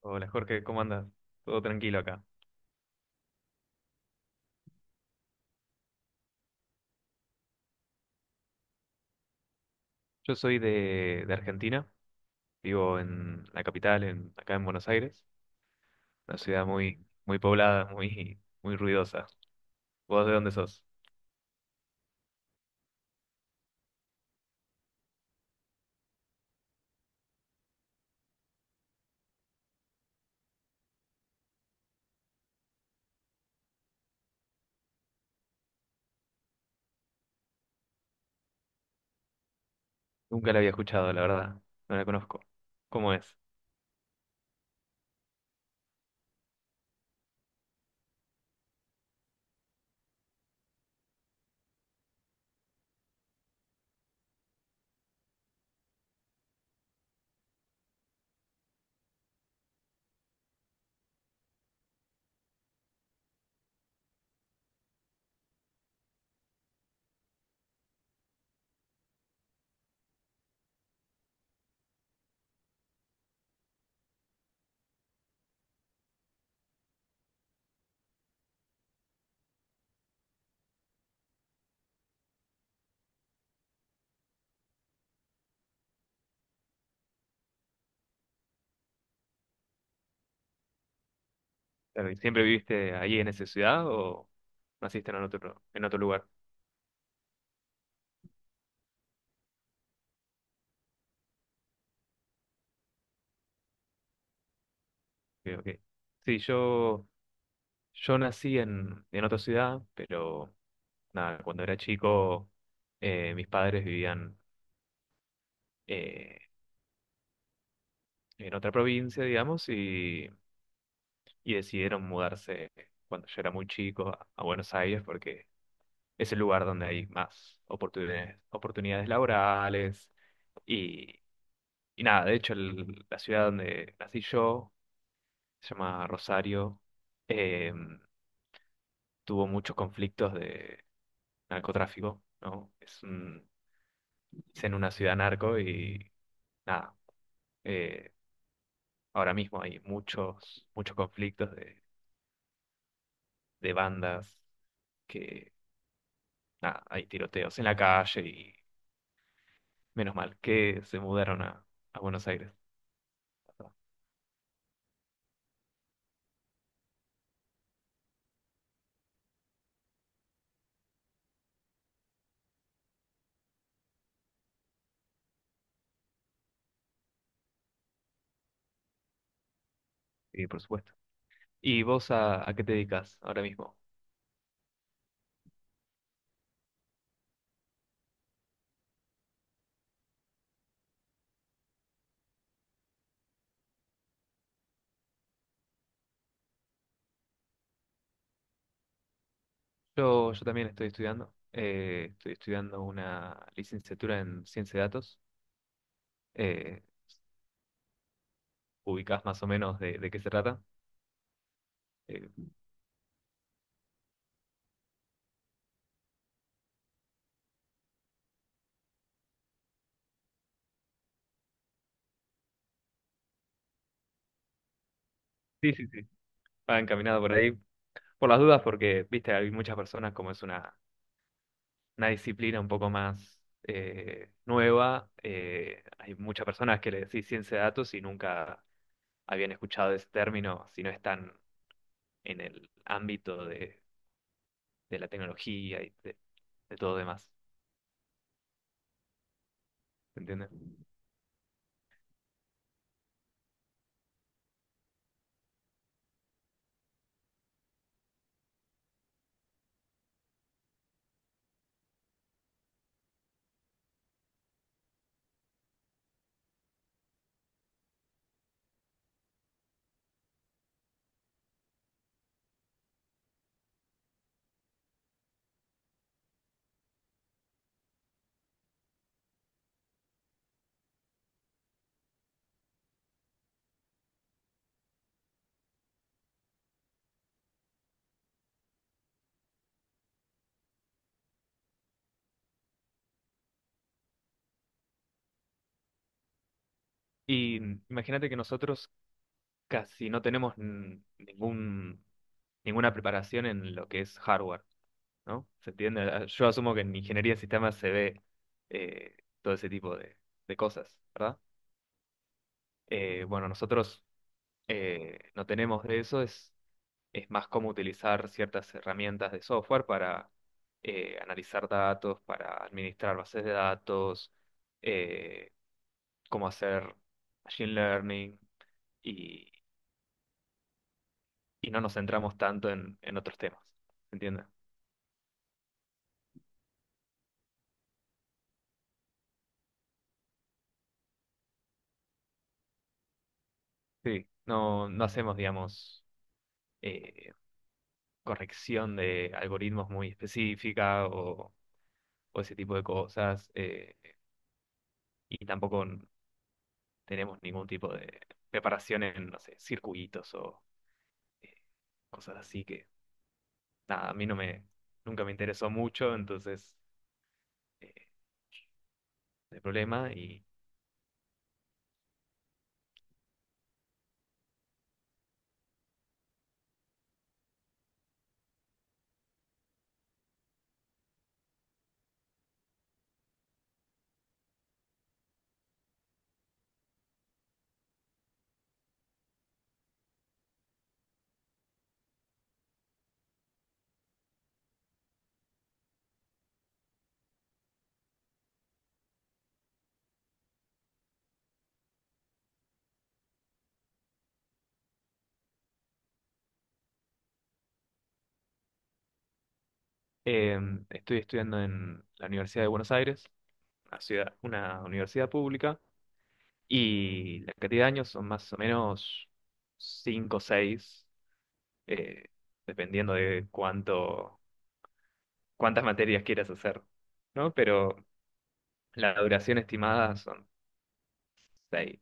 Hola Jorge, ¿cómo andas? Todo tranquilo acá. Yo soy de Argentina, vivo en la capital, acá en Buenos Aires, una ciudad muy, muy poblada, muy, muy ruidosa. ¿Vos de dónde sos? Nunca la había escuchado, la verdad, no la conozco. ¿Cómo es? Claro, ¿siempre viviste ahí en esa ciudad o naciste en otro lugar? Ok, ok. Sí, yo nací en otra ciudad, pero nada, cuando era chico mis padres vivían, eh, en otra provincia, digamos, y decidieron mudarse cuando yo era muy chico a Buenos Aires porque es el lugar donde hay más oportunidades, oportunidades laborales y, y nada, de hecho la ciudad donde nací yo se llama Rosario. eh, Tuvo muchos conflictos de narcotráfico, ¿no? Es en una ciudad narco y nada, eh, ahora mismo hay muchos, muchos conflictos de bandas que nada, hay tiroteos en la calle y menos mal que se mudaron a Buenos Aires. Y por supuesto. ¿Y vos a qué te dedicas ahora mismo? Yo también estoy estudiando. Estoy estudiando una licenciatura en ciencia de datos. Eh, Ubicás más o menos de qué se trata. Eh, sí, sí, sí. Va encaminado por ahí. Por las dudas, porque, viste, hay muchas personas como es una disciplina un poco más nueva. Hay muchas personas que le decís ciencia de datos y nunca habían escuchado ese término si no están en el ámbito de la tecnología de todo demás. ¿Se entiende? Y imagínate que nosotros casi no tenemos ninguna preparación en lo que es hardware, ¿no? ¿Se entiende? Ah, yo asumo que en ingeniería de sistemas se ve eh, todo ese tipo de cosas, ¿verdad? Bueno, nosotros no tenemos de eso, es más cómo utilizar ciertas herramientas de software para analizar datos, para administrar bases de datos. eh, ¿Cómo hacer machine learning y, y no nos centramos tanto en otros temas? ¿Se entiende? Sí, no, no hacemos, digamos, eh, corrección de algoritmos muy específica o ese tipo de cosas. Y tampoco tenemos ningún tipo de preparación en, no sé, circuitos o, eh, cosas así que nada, a mí no me, nunca me interesó mucho. Entonces, eh, no hay problema. Y eh, estoy estudiando en la Universidad de Buenos Aires, una universidad pública, y la cantidad de años son más o menos cinco o seis, eh, dependiendo de cuántas materias quieras hacer, ¿no? Pero la duración estimada son seis.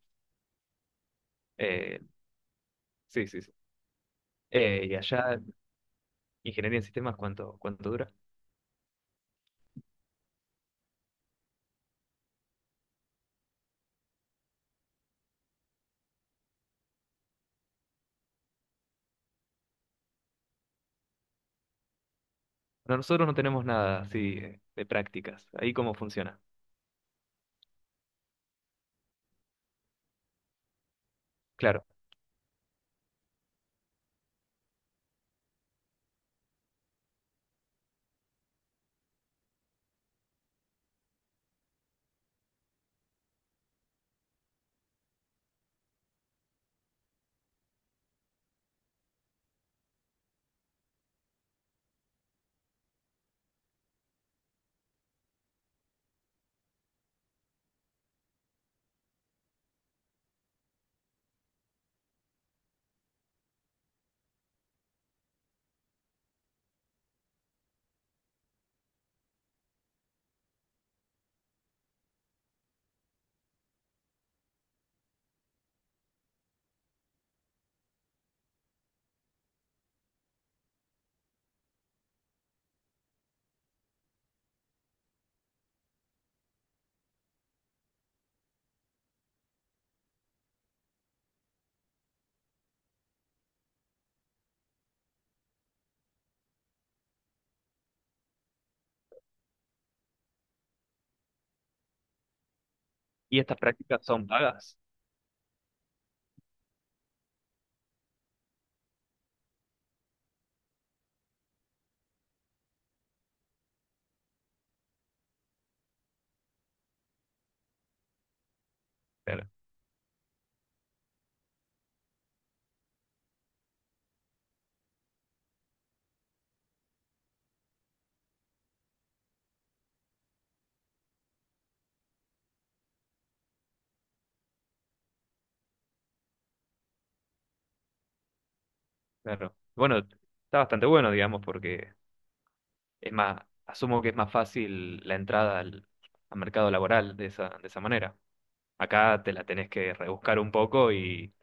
Eh, sí, sí, sí. Y allá, ingeniería en sistemas, ¿cuánto dura? Bueno, nosotros no tenemos nada así, de prácticas. Ahí cómo funciona. Claro. ¿Y estas prácticas son pagas? Claro, claro. Bueno, está bastante bueno, digamos, porque es más, asumo que es más fácil la entrada al mercado laboral de de esa manera. Acá te la tenés que rebuscar un poco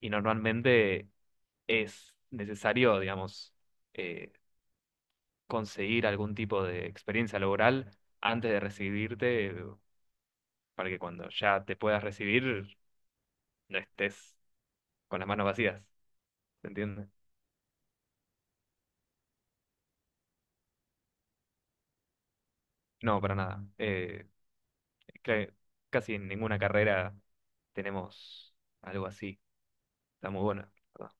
y normalmente es necesario, digamos, eh, conseguir algún tipo de experiencia laboral antes de recibirte, para que cuando ya te puedas recibir no estés con las manos vacías, ¿se entiende? No, para nada. Cre- Casi en ninguna carrera tenemos algo así. Está muy bueno, la verdad.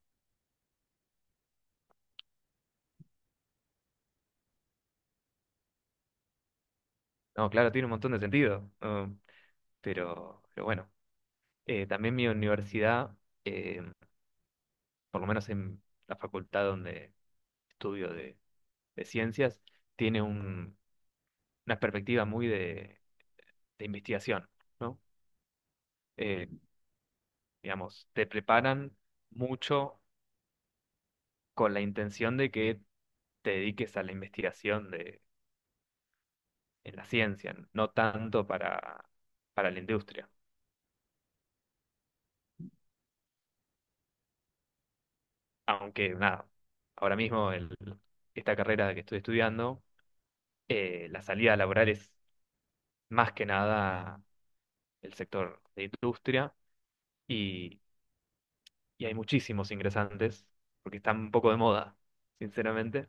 No, claro, tiene un montón de sentido, ¿no? Pero bueno. También mi universidad, eh, por lo menos en la facultad donde estudio de ciencias, tiene una perspectiva muy de investigación, ¿no? Eh, digamos, te preparan mucho con la intención de que te dediques a la investigación de en la ciencia, no tanto para la industria. Aunque nada, ahora mismo esta carrera que estoy estudiando, la salida laboral es más que nada el sector de industria y, y hay muchísimos ingresantes, porque están un poco de moda, sinceramente.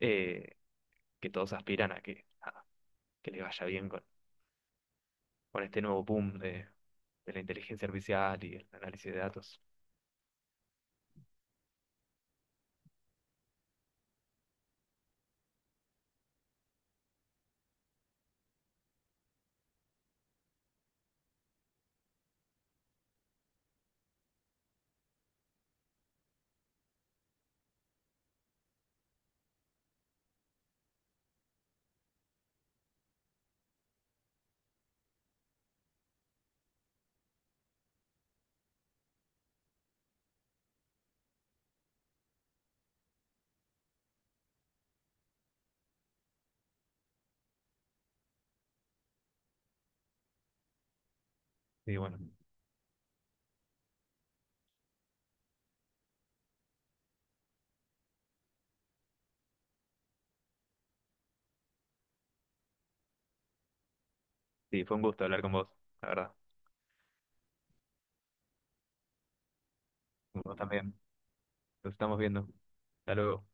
eh, que todos aspiran a que, nada, que les vaya bien con este nuevo boom de la inteligencia artificial y el análisis de datos. Y bueno, sí, fue un gusto hablar con vos, la verdad. Con vos también. Nos estamos viendo. Hasta luego.